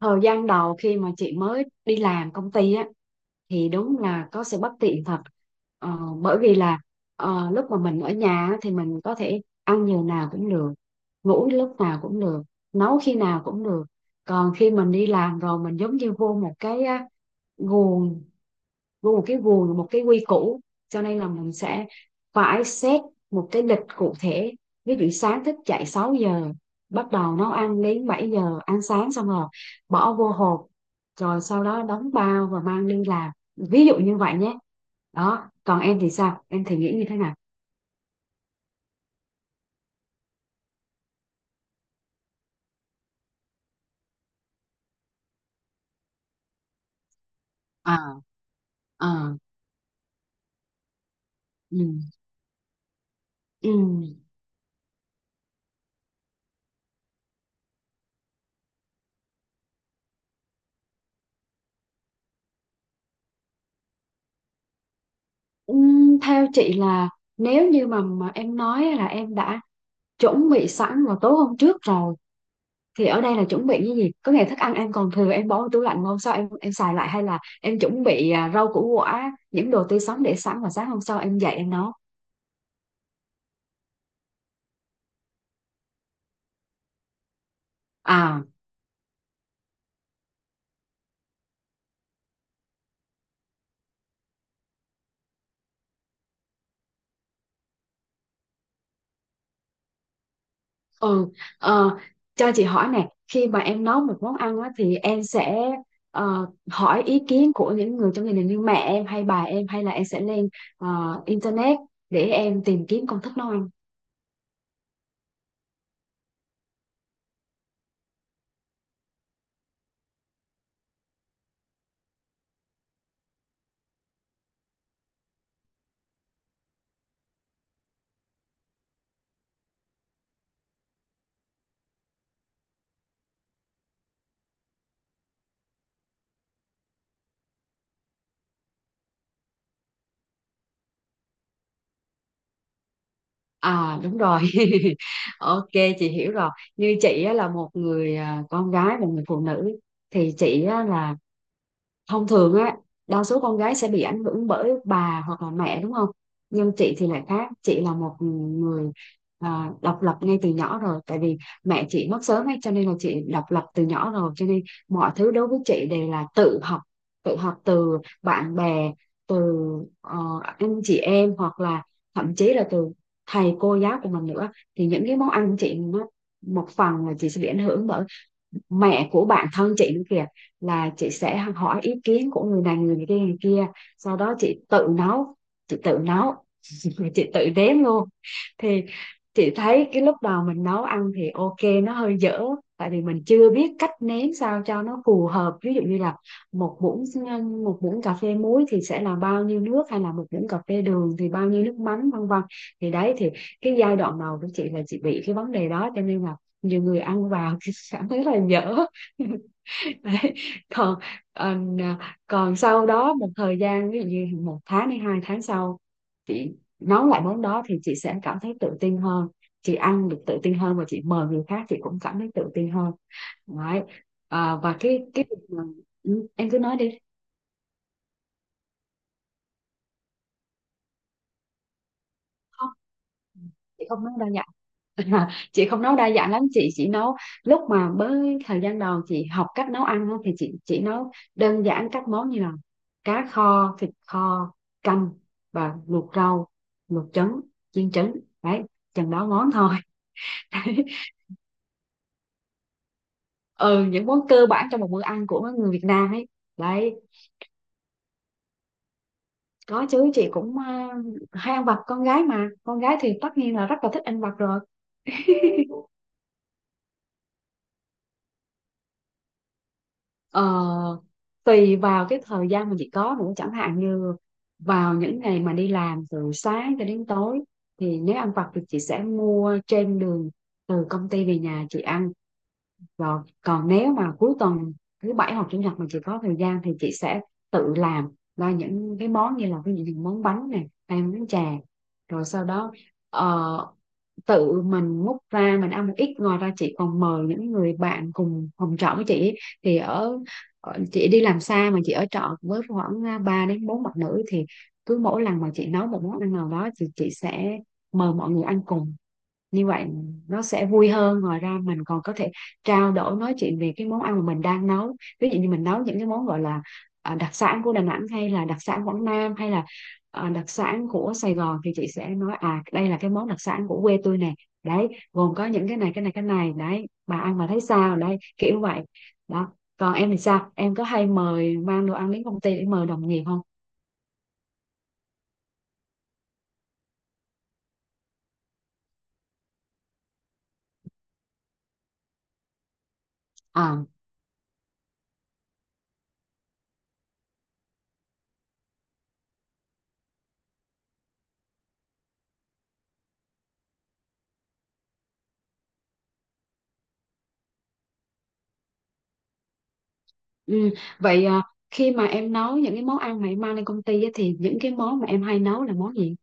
Thời gian đầu khi mà chị mới đi làm công ty á thì đúng là có sự bất tiện thật. Bởi vì là lúc mà mình ở nhà á, thì mình có thể ăn giờ nào cũng được, ngủ lúc nào cũng được, nấu khi nào cũng được. Còn khi mình đi làm rồi mình giống như vô một cái á, guồng, vô một cái guồng, một cái quy củ, cho nên là mình sẽ phải xét một cái lịch cụ thể. Ví dụ sáng thức dậy 6 giờ, bắt đầu nấu ăn đến 7 giờ, ăn sáng xong rồi bỏ vô hộp, rồi sau đó đóng bao và mang đi làm, ví dụ như vậy nhé. Đó, còn em thì sao, em thì nghĩ như thế nào? À. À. Ừ. Ừ. Theo chị là, nếu như mà em nói là em đã chuẩn bị sẵn vào tối hôm trước rồi, thì ở đây là chuẩn bị cái gì? Có nghĩa thức ăn em còn thừa em bỏ vào tủ lạnh, hôm sau em xài lại, hay là em chuẩn bị à, rau củ quả những đồ tươi sống để sẵn và sáng hôm sau em dậy em nấu? À. Ừ. ờ, cho chị hỏi nè, khi mà em nấu một món ăn á, thì em sẽ hỏi ý kiến của những người trong gia đình như mẹ em hay bà em, hay là em sẽ lên internet để em tìm kiếm công thức nấu ăn? À đúng rồi. Ok, chị hiểu rồi. Như chị á, là một người à, con gái và người phụ nữ, thì chị á, là thông thường á đa số con gái sẽ bị ảnh hưởng bởi bà hoặc là mẹ, đúng không? Nhưng chị thì lại khác, chị là một người à, độc lập ngay từ nhỏ rồi, tại vì mẹ chị mất sớm ấy, cho nên là chị độc lập từ nhỏ rồi, cho nên mọi thứ đối với chị đều là tự học, tự học từ bạn bè, từ ờ, anh chị em, hoặc là thậm chí là từ thầy cô giáo của mình nữa. Thì những cái món ăn của chị nó một phần là chị sẽ bị ảnh hưởng bởi mẹ của bạn thân chị nữa kìa, là chị sẽ hỏi ý kiến của người này người kia sau đó chị tự nấu, chị tự nấu. Chị tự đếm luôn. Thì chị thấy cái lúc đầu mình nấu ăn thì ok, nó hơi dở, tại vì mình chưa biết cách nếm sao cho nó phù hợp, ví dụ như là một muỗng một muỗng cà phê muối thì sẽ là bao nhiêu nước, hay là một muỗng cà phê đường thì bao nhiêu nước mắm, vân vân. Thì đấy, thì cái giai đoạn đầu của chị là chị bị cái vấn đề đó, cho nên là nhiều người ăn vào thì cảm thấy là dở. Đấy. còn ờ, còn sau đó một thời gian, ví dụ như một tháng hay 2 tháng sau chị nấu lại món đó thì chị sẽ cảm thấy tự tin hơn, chị ăn được tự tin hơn và chị mời người khác chị cũng cảm thấy tự tin hơn. Đấy. À, và cái việc mà- ừ, em cứ nói đi. Không, chị không nói đâu nhỉ. À, chị không nấu đa dạng lắm, chị chỉ nấu lúc mà mới thời gian đầu chị học cách nấu ăn á, thì chị chỉ nấu đơn giản các món như là cá kho, thịt kho, canh và luộc rau, luộc trứng, chiên trứng, đấy, chừng đó món thôi. Đấy. Ừ, những món cơ bản trong một bữa ăn của người Việt Nam ấy. Đấy, có chứ, chị cũng hay ăn vặt, con gái mà, con gái thì tất nhiên là rất là thích ăn vặt rồi. Ờ, tùy vào cái thời gian mà chị có nữa, chẳng hạn như vào những ngày mà đi làm từ sáng cho đến tối thì nếu ăn vặt thì chị sẽ mua trên đường từ công ty về nhà chị ăn. Rồi, còn nếu mà cuối tuần, thứ bảy hoặc chủ nhật mà chị có thời gian thì chị sẽ tự làm ra những cái món như là ví dụ như món bánh này hay món chè, rồi sau đó ờ, tự mình múc ra mình ăn một ít, ngoài ra chị còn mời những người bạn cùng phòng trọ với chị ấy. Thì ở chị đi làm xa mà chị ở trọ với khoảng à, 3 đến 4 bạn nữ, thì cứ mỗi lần mà chị nấu một món ăn nào đó thì chị sẽ mời mọi người ăn cùng, như vậy nó sẽ vui hơn, ngoài ra mình còn có thể trao đổi nói chuyện về cái món ăn mà mình đang nấu, ví dụ như mình nấu những cái món gọi là à, đặc sản của Đà Nẵng hay là đặc sản Quảng Nam hay là à, đặc sản của Sài Gòn thì chị sẽ nói à đây là cái món đặc sản của quê tôi nè, đấy, gồm có những cái này cái này cái này, đấy, bà ăn mà thấy sao đấy kiểu vậy. Đó, còn em thì sao, em có hay mời mang đồ ăn đến công ty để mời đồng nghiệp không? À. Ừ. Vậy à, khi mà em nấu những cái món ăn mà em mang lên công ty á, thì những cái món mà em hay nấu là món gì?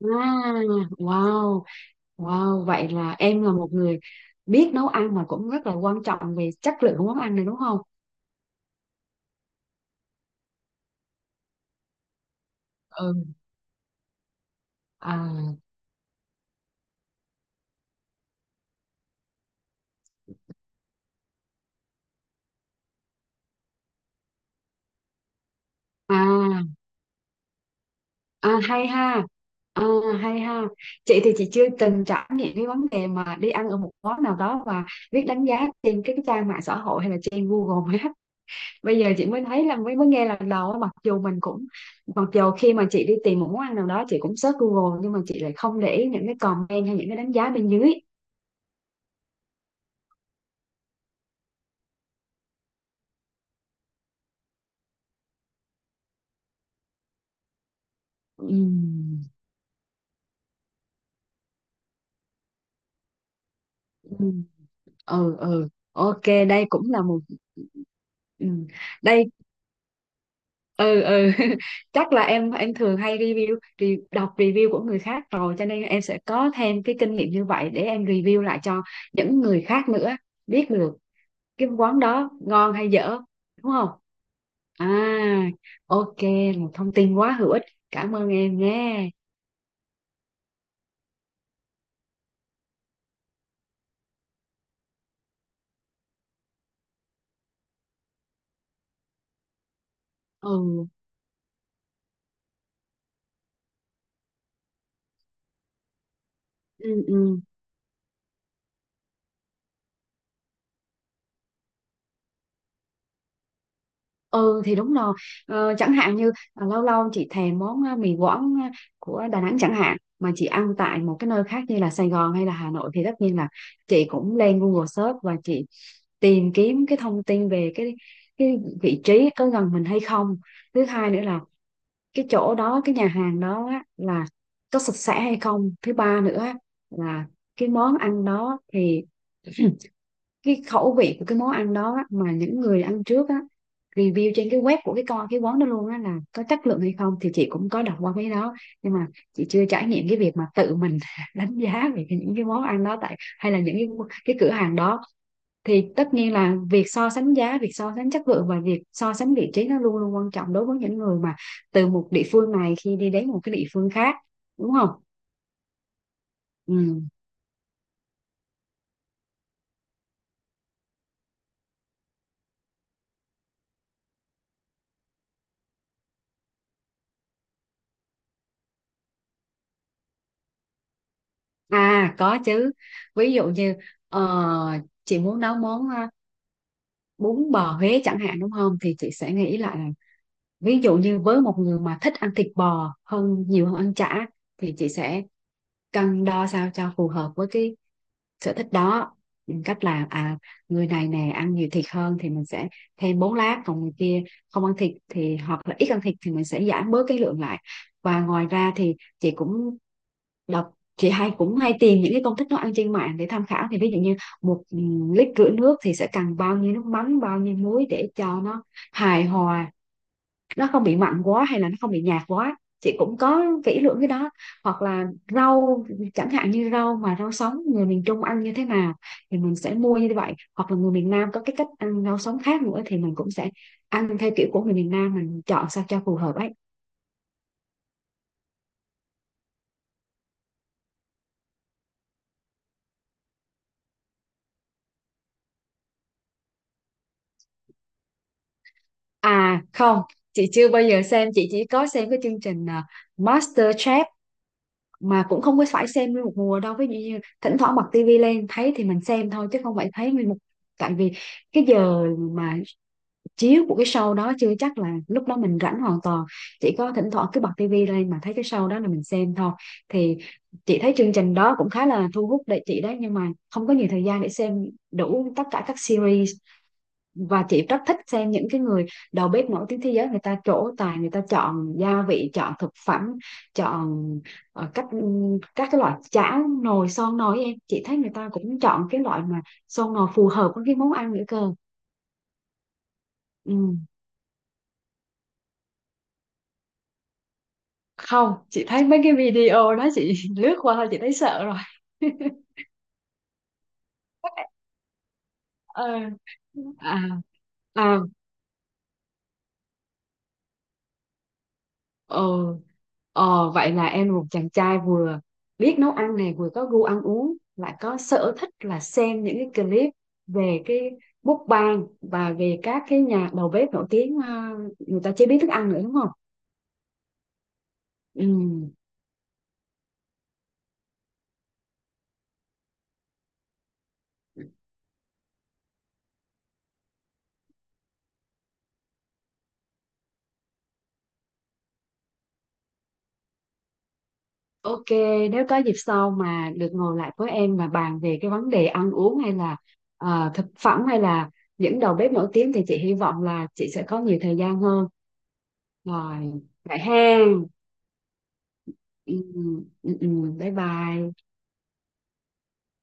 À, wow, wow, vậy là em là một người biết nấu ăn mà cũng rất là quan trọng về chất lượng của món ăn này đúng không? Ừ. À. À. À hay ha. À, hay ha. Chị thì chị chưa từng trải nghiệm cái vấn đề mà đi ăn ở một món nào đó và biết đánh giá trên cái trang mạng xã hội hay là trên Google Maps. Bây giờ chị mới thấy là mới mới nghe lần đầu á, mặc dù khi mà chị đi tìm một món ăn nào đó chị cũng search Google nhưng mà chị lại không để ý những cái comment hay những cái đánh giá bên dưới. Ừm. Ừm. Ừ, ừ, ok, đây cũng là một. Ừm, đây. Ừ, ừ. Chắc là em thường hay review, đọc review của người khác rồi cho nên em sẽ có thêm cái kinh nghiệm như vậy để em review lại cho những người khác nữa biết được cái quán đó ngon hay dở, đúng không? À. Ok, là thông tin quá hữu ích, cảm ơn em nhé. Ừ, ừ, ừ, ừ, thì đúng rồi. Chẳng hạn như à, lâu lâu chị thèm món à, mì Quảng à, của Đà Nẵng chẳng hạn mà chị ăn tại một cái nơi khác như là Sài Gòn hay là Hà Nội thì tất nhiên là chị cũng lên Google search và chị tìm kiếm cái thông tin về cái vị trí có gần mình hay không, thứ hai nữa là cái chỗ đó cái nhà hàng đó á, là có sạch sẽ hay không, thứ ba nữa á, là cái món ăn đó thì cái khẩu vị của cái món ăn đó á, mà những người ăn trước á review trên cái web của cái quán đó luôn á là có chất lượng hay không, thì chị cũng có đọc qua cái đó, nhưng mà chị chưa trải nghiệm cái việc mà tự mình đánh giá về những cái món ăn đó tại hay là những cái cửa hàng đó, thì tất nhiên là việc so sánh giá, việc so sánh chất lượng và việc so sánh vị trí nó luôn luôn quan trọng đối với những người mà từ một địa phương này khi đi đến một cái địa phương khác, đúng không? Ừ. À có chứ, ví dụ như ờ, chị muốn nấu món bún bò Huế chẳng hạn đúng không thì chị sẽ nghĩ lại là, ví dụ như với một người mà thích ăn thịt bò hơn nhiều hơn ăn chả thì chị sẽ cân đo sao cho phù hợp với cái sở thích đó, cách là à người này nè ăn nhiều thịt hơn thì mình sẽ thêm 4 lát, còn người kia không ăn thịt thì hoặc là ít ăn thịt thì mình sẽ giảm bớt cái lượng lại, và ngoài ra thì chị cũng đọc, chị hay cũng hay tìm những cái công thức nấu ăn trên mạng để tham khảo, thì ví dụ như một lít rưỡi nước thì sẽ cần bao nhiêu nước mắm bao nhiêu muối để cho nó hài hòa, nó không bị mặn quá hay là nó không bị nhạt quá, chị cũng có kỹ lưỡng cái đó. Hoặc là rau, chẳng hạn như rau mà rau sống người miền Trung ăn như thế nào thì mình sẽ mua như vậy, hoặc là người miền Nam có cái cách ăn rau sống khác nữa thì mình cũng sẽ ăn theo kiểu của người miền Nam, mình chọn sao cho phù hợp ấy. À không, chị chưa bao giờ xem, chị chỉ có xem cái chương trình à, MasterChef, mà cũng không có phải xem nguyên một mùa đâu, ví dụ như thỉnh thoảng bật tivi lên thấy thì mình xem thôi chứ không phải thấy nguyên một, tại vì cái giờ mà chiếu của cái show đó chưa chắc là lúc đó mình rảnh hoàn toàn, chỉ có thỉnh thoảng cứ bật tivi lên mà thấy cái show đó là mình xem thôi. Thì chị thấy chương trình đó cũng khá là thu hút để chị đấy, nhưng mà không có nhiều thời gian để xem đủ tất cả các series, và chị rất thích xem những cái người đầu bếp nổi tiếng thế giới, người ta trổ tài, người ta chọn gia vị, chọn thực phẩm, chọn ờ, các các cái loại chảo, nồi son nồi ấy em, chị thấy người ta cũng chọn cái loại mà son nồi phù hợp với cái món ăn nữa cơ. Ừ. Không, chị thấy mấy cái video đó chị lướt qua thôi, chị thấy sợ rồi. Ờ. À. À. ờ Vậy là em một chàng trai vừa biết nấu ăn này vừa có gu ăn uống lại có sở thích là xem những cái clip về cái mukbang và về các cái nhà đầu bếp nổi tiếng, người ta chế biến thức ăn nữa đúng không? Ừ. Ok, nếu có dịp sau mà được ngồi lại với em và bàn về cái vấn đề ăn uống hay là à, thực phẩm hay là những đầu bếp nổi tiếng thì chị hy vọng là chị sẽ có nhiều thời gian hơn. Rồi, vậy ha. Ừ, ừ. Ừ, ừ, bye bye.